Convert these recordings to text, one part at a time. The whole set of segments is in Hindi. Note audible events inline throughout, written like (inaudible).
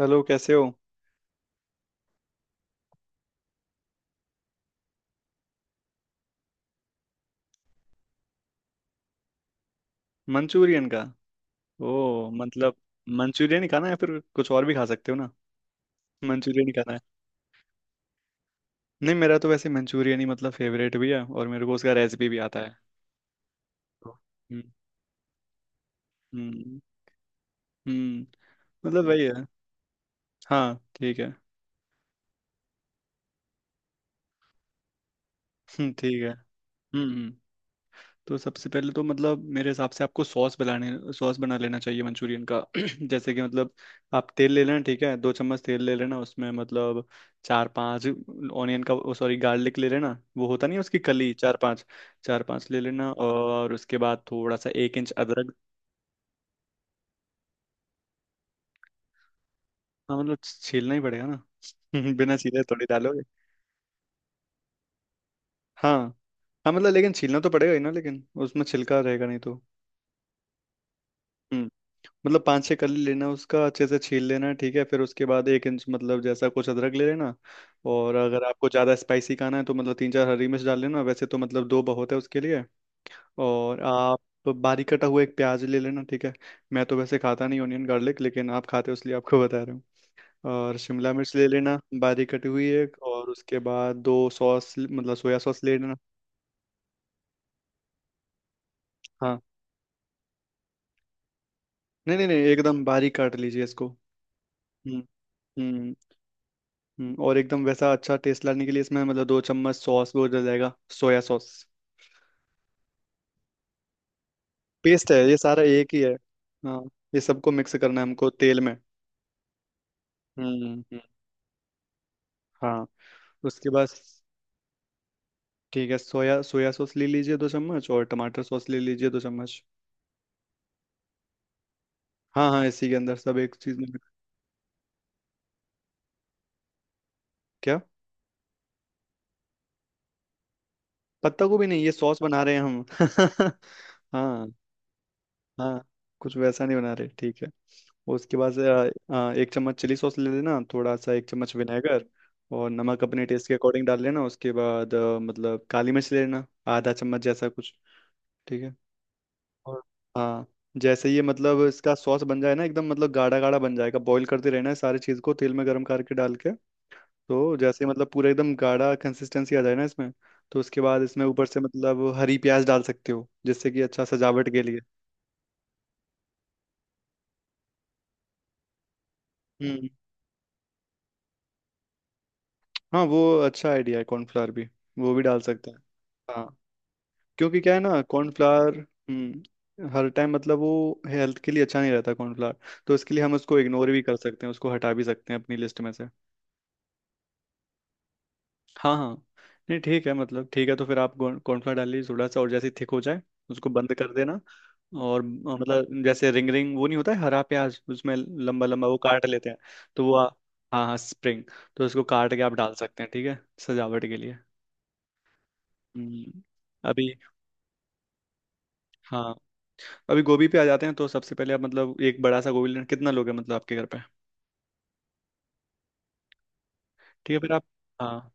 हेलो, कैसे हो। मंचूरियन का? ओ, मतलब। मंचूरियन ही खाना है या फिर कुछ और भी खा सकते हो ना? मंचूरियन ही खाना है। नहीं, मेरा तो वैसे मंचूरियन ही मतलब फेवरेट भी है, और मेरे को उसका रेसिपी भी आता है। तो, हम्म, हम्म, हम्म। मतलब वही है। हाँ, ठीक है। (laughs) ठीक है। हम्म, तो सबसे पहले तो मतलब मेरे हिसाब से आपको सॉस बना लेना चाहिए मंचूरियन का। (clears throat) जैसे कि मतलब आप तेल ले लेना, ठीक है। दो चम्मच तेल ले लेना उसमें, मतलब चार पांच ऑनियन का, सॉरी, गार्लिक ले लेना, वो होता नहीं है उसकी कली, चार पांच ले लेना, और उसके बाद थोड़ा सा 1 इंच अदरक। हाँ, मतलब छीलना ही पड़ेगा ना। (laughs) बिना छीले थोड़ी डालोगे। हाँ, हाँ, मतलब लेकिन छीलना तो पड़ेगा ही ना, लेकिन उसमें छिलका रहेगा नहीं तो। हम्म। मतलब पाँच छः कली लेना, उसका अच्छे से छील लेना, ठीक है। फिर उसके बाद एक इंच मतलब जैसा कुछ अदरक ले लेना। और अगर आपको ज़्यादा स्पाइसी खाना है तो मतलब तीन चार हरी मिर्च डाल लेना। वैसे तो मतलब दो बहुत है उसके लिए। और आप बारीक कटा हुआ एक प्याज ले लेना, ठीक है। मैं तो वैसे खाता नहीं ऑनियन गार्लिक, लेकिन आप खाते हो इसलिए आपको (laughs) बता रहा हूँ। और शिमला मिर्च ले लेना बारीक कटी हुई एक, और उसके बाद दो सॉस मतलब सोया सॉस ले लेना। हाँ। नहीं, नहीं, नहीं, एकदम बारीक काट लीजिए इसको। हम्म, हम्म, हम्म। और एकदम वैसा अच्छा टेस्ट लाने के लिए इसमें मतलब दो चम्मच सॉस भी डल जाएगा, सोया सॉस। पेस्ट है, ये सारा एक ही है। हाँ, ये सबको मिक्स करना है हमको तेल में। हम्म, हम्म। हाँ, उसके बाद। ठीक है, सोया सोया सॉस ले लीजिए दो चम्मच, और टमाटर सॉस ले लीजिए दो चम्मच। हाँ, हाँ, इसी के अंदर सब एक चीज में। क्या? पत्ता गोभी नहीं, ये सॉस बना रहे हैं हम। (laughs) हाँ। हाँ, कुछ वैसा नहीं बना रहे, ठीक है। उसके बाद से, आ, आ, एक चम्मच चिली सॉस ले लेना, थोड़ा सा एक चम्मच विनेगर। और नमक अपने टेस्ट के अकॉर्डिंग डाल लेना। उसके बाद मतलब काली मिर्च ले लेना, आधा चम्मच जैसा कुछ, ठीक है। और हाँ, जैसे ये मतलब इसका सॉस बन जाए ना एकदम, मतलब गाढ़ा गाढ़ा बन जाएगा। बॉईल करते रहना है सारी चीज़ को, तेल में गर्म करके डाल के। तो जैसे मतलब पूरा एकदम गाढ़ा कंसिस्टेंसी आ जाए ना इसमें, तो उसके बाद इसमें ऊपर से मतलब हरी प्याज डाल सकते हो, जिससे कि अच्छा सजावट के लिए। हम्म। हाँ, वो अच्छा आइडिया है, कॉर्नफ्लावर भी वो भी डाल सकते हैं। हाँ। क्योंकि क्या है ना, कॉर्नफ्लावर हर टाइम मतलब वो हेल्थ के लिए अच्छा नहीं रहता, कॉर्नफ्लावर। तो इसके लिए हम उसको इग्नोर भी कर सकते हैं, उसको हटा भी सकते हैं अपनी लिस्ट में से। हाँ, हाँ, नहीं, ठीक है, मतलब ठीक है, तो फिर आप कॉर्नफ्लावर डाल लीजिए थोड़ा सा, और जैसे थिक हो जाए उसको बंद कर देना। और मतलब जैसे रिंग रिंग वो नहीं होता है, हरा प्याज उसमें लंबा लंबा वो काट लेते हैं। तो हाँ, हाँ, स्प्रिंग। तो उसको काट के आप डाल सकते हैं, ठीक है, सजावट के लिए। हम्म। अभी, हाँ, अभी गोभी पे आ जाते हैं। तो सबसे पहले आप मतलब एक बड़ा सा गोभी लेना, कितना लोगे मतलब आपके घर पे? ठीक है, फिर आप, हाँ,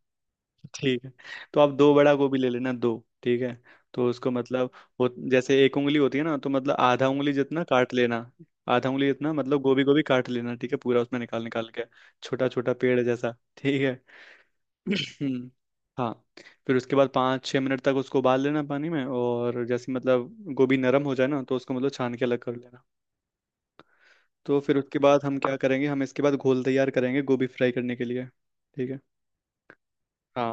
ठीक है, तो आप दो बड़ा गोभी ले लेना, दो, ठीक है। तो उसको मतलब, हो जैसे एक उंगली होती है ना, तो मतलब आधा उंगली जितना काट लेना, आधा उंगली जितना मतलब गोभी गोभी काट लेना, ठीक है, पूरा उसमें निकाल निकाल के, छोटा छोटा पेड़ जैसा, ठीक है। (clears throat) हम्म। हाँ, फिर उसके बाद 5-6 मिनट तक उसको उबाल लेना पानी में, और जैसे मतलब गोभी नरम हो जाए ना, तो उसको मतलब छान के अलग कर लेना। तो फिर उसके बाद हम क्या करेंगे, हम इसके बाद घोल तैयार करेंगे गोभी फ्राई करने के लिए। ठीक है। हाँ।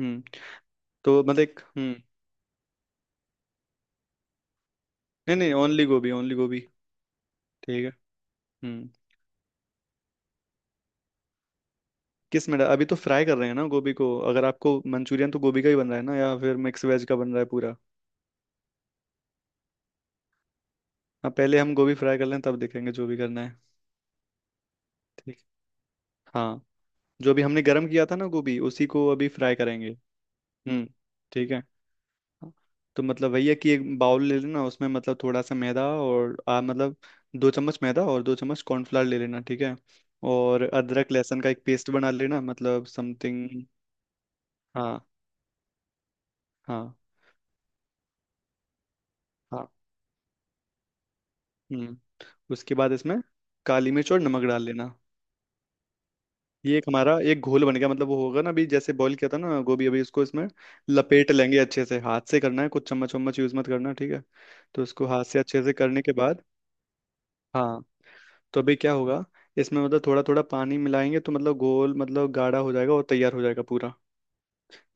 हम्म। तो मतलब एक नहीं, नहीं, ओनली गोभी, ओनली गोभी, ठीक है। हम्म। अभी तो फ्राई कर रहे हैं ना गोभी को। अगर आपको मंचूरियन, तो गोभी का ही बन रहा है ना, या फिर मिक्स वेज का बन रहा है पूरा? हाँ, पहले हम गोभी फ्राई कर लें तब देखेंगे जो भी करना है। ठीक। हाँ, जो भी हमने गर्म किया था ना, गोभी, उसी को अभी फ्राई करेंगे। हम्म। ठीक है। हाँ, तो मतलब वही है कि एक बाउल ले लेना, उसमें मतलब थोड़ा सा मैदा, और आ मतलब दो चम्मच मैदा और दो चम्मच कॉर्नफ्लावर ले लेना, ठीक है। और अदरक लहसुन का एक पेस्ट बना लेना, मतलब समथिंग। हाँ, हाँ, हाँ। हम्म। उसके बाद इसमें काली मिर्च और नमक डाल लेना। ये एक हमारा एक घोल बन गया, मतलब वो होगा ना। अभी जैसे बॉईल किया था ना गोभी, अभी इसको इसमें लपेट लेंगे अच्छे से, हाथ से करना है, कुछ चम्मच वम्मच यूज मत करना, ठीक है। तो इसको हाथ से अच्छे से करने के बाद, हाँ, तो अभी क्या होगा, इसमें मतलब थोड़ा थोड़ा पानी मिलाएंगे तो मतलब गोल मतलब गाढ़ा हो जाएगा और तैयार हो जाएगा पूरा।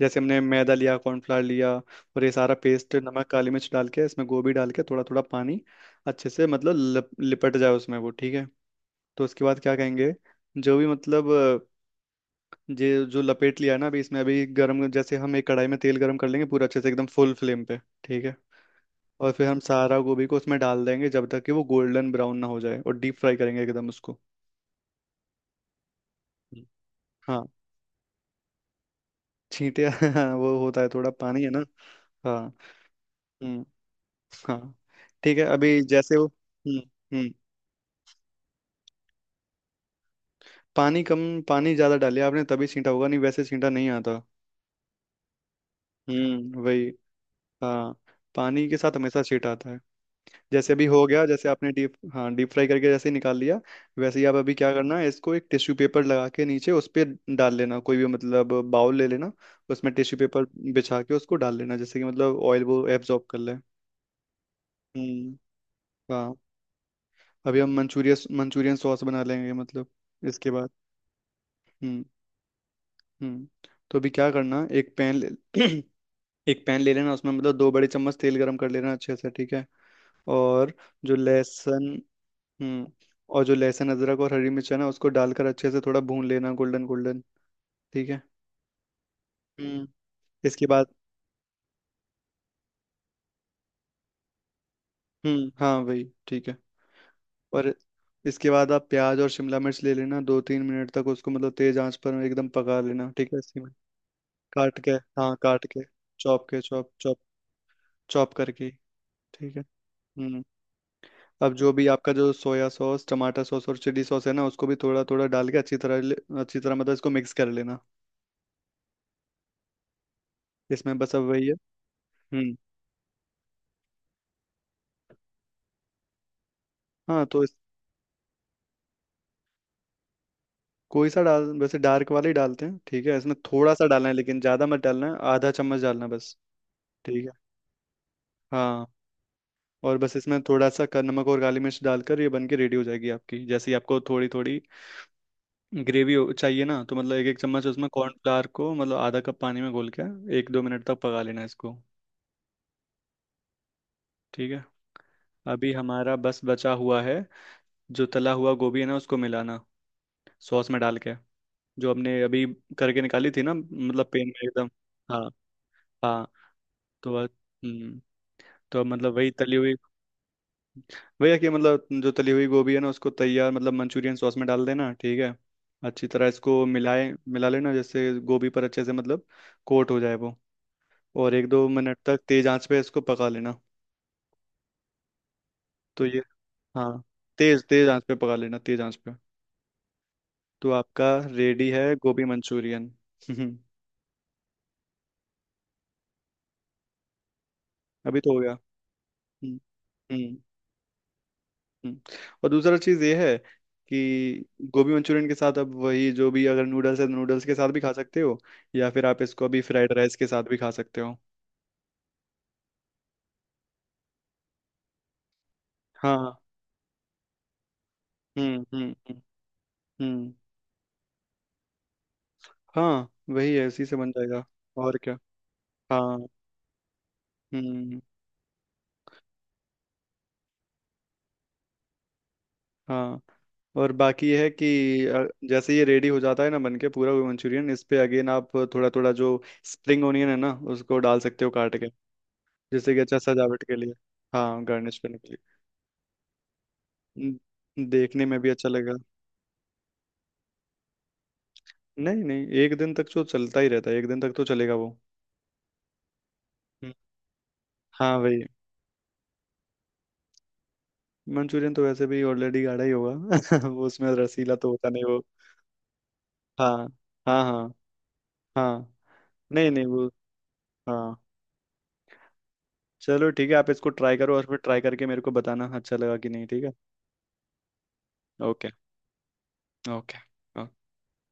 जैसे हमने मैदा लिया, कॉर्नफ्लावर लिया, और ये सारा पेस्ट, नमक काली मिर्च डाल के, इसमें गोभी डाल के थोड़ा थोड़ा पानी, अच्छे से मतलब लिपट जाए उसमें वो, ठीक है। तो उसके बाद क्या कहेंगे, जो भी मतलब, अ, जे जो लपेट लिया ना अभी इसमें, अभी गरम जैसे हम एक कढ़ाई में तेल गरम कर लेंगे पूरा अच्छे से एकदम फुल फ्लेम पे, ठीक है। और फिर हम सारा गोभी को उसमें डाल देंगे जब तक कि वो गोल्डन ब्राउन ना हो जाए, और डीप फ्राई करेंगे एकदम उसको। हम्म। हाँ, छींटे। (laughs) हाँ, वो होता है थोड़ा, पानी है ना। हाँ। हम्म। हाँ, ठीक है, अभी जैसे वो। हम्म। हम्म। पानी कम, पानी ज्यादा डालिए आपने तभी छींटा होगा, नहीं वैसे छींटा नहीं आता। हम्म, वही। हाँ, पानी के साथ हमेशा छींटा आता है। जैसे अभी हो गया, जैसे आपने डीप, हाँ, डीप फ्राई करके जैसे निकाल लिया। वैसे ही आप, अभी क्या करना है, इसको एक टिश्यू पेपर लगा के नीचे उस पे डाल लेना, कोई भी मतलब बाउल ले लेना, उसमें टिश्यू पेपर बिछा के उसको डाल लेना, जैसे कि मतलब ऑयल वो एब्जॉर्ब कर ले। हम्म। हाँ। अभी हम मंचूरियन मंचूरियन सॉस बना लेंगे, मतलब इसके बाद। हम्म। हम्म। तो अभी क्या करना, एक पैन ले (clears throat) एक पैन ले लेना, उसमें मतलब दो बड़े चम्मच तेल गरम कर लेना अच्छे से, ठीक है। और जो लहसुन हम्म और जो लहसुन अदरक और हरी मिर्च है ना, उसको डालकर अच्छे से थोड़ा भून लेना, गोल्डन गोल्डन, ठीक है। हम्म। इसके बाद। हम्म। हाँ, वही, ठीक है। और इसके बाद आप प्याज और शिमला मिर्च ले लेना, 2-3 मिनट तक उसको मतलब तेज आंच पर एकदम पका लेना, ठीक है, इसी में। काट के, हाँ, काट के, चॉप के चॉप चॉप चॉप करके, ठीक है। हम्म। अब जो भी आपका जो सोया सॉस, टमाटर सॉस और चिली सॉस है ना, उसको भी थोड़ा थोड़ा डाल के अच्छी तरह अच्छी तरह मतलब इसको मिक्स कर लेना। इसमें बस अब वही है। हम्म। हाँ। कोई सा डाल, वैसे डार्क वाले ही डालते हैं। ठीक है, इसमें थोड़ा सा डालना है लेकिन ज़्यादा मत डालना है, आधा चम्मच डालना है बस, ठीक है। हाँ। और बस इसमें थोड़ा सा नमक और काली मिर्च डालकर ये बन के रेडी हो जाएगी आपकी। जैसे ही आपको थोड़ी थोड़ी ग्रेवी चाहिए ना, तो मतलब एक एक चम्मच उसमें कॉर्नफ्लावर को, मतलब आधा कप पानी में घोल के, 1-2 मिनट तक पका लेना इसको। ठीक है। अभी हमारा बस बचा हुआ है, जो तला हुआ गोभी है ना, उसको मिलाना सॉस में डाल के, जो हमने अभी करके निकाली थी ना, मतलब पेन में एकदम। हाँ, हाँ। तो अब- हम्म, तो अब मतलब वही तली हुई। वही है कि मतलब जो तली हुई गोभी है ना, उसको तैयार मतलब मंचूरियन सॉस में डाल देना, ठीक है। अच्छी तरह इसको मिला लेना, जैसे गोभी पर अच्छे से मतलब कोट हो जाए वो, और 1-2 मिनट तक तेज आंच पे इसको पका लेना। तो ये, हाँ, तेज तेज आंच पे पका लेना, तेज आंच पे। तो आपका रेडी है गोभी मंचूरियन। हम्म। अभी तो हो गया। हम्म। हम्म। हम्म। और दूसरा चीज़ ये है, कि गोभी मंचूरियन के साथ अब वही, जो भी, अगर नूडल्स है तो नूडल्स के साथ भी खा सकते हो, या फिर आप इसको अभी फ्राइड राइस के साथ भी खा सकते हो। हाँ। हम्म। हम्म। हम्म। हम्म। हाँ, वही है, उसी से बन जाएगा। और क्या। हाँ। हम्म। हाँ। और बाकी ये है कि जैसे ये रेडी हो जाता है ना बन के पूरा वो मंचूरियन, इस पे अगेन आप थोड़ा थोड़ा जो स्प्रिंग ओनियन है ना उसको डाल सकते हो काट, जैसे कि अच्छा सजावट के लिए। हाँ, गार्निश करने के लिए। देखने में भी अच्छा लगेगा। नहीं, नहीं, एक दिन तक तो चलता ही रहता है, एक दिन तक तो चलेगा वो। हम्म। हाँ, वही। मंचूरियन तो वैसे भी ऑलरेडी गाढ़ा ही होगा। (laughs) वो उसमें रसीला तो होता नहीं वो। हाँ, हाँ, हाँ। हाँ, नहीं, नहीं, वो। हाँ। चलो, ठीक है, आप इसको ट्राई करो और फिर ट्राई करके मेरे को बताना अच्छा लगा कि नहीं, ठीक है। ओके। ओके।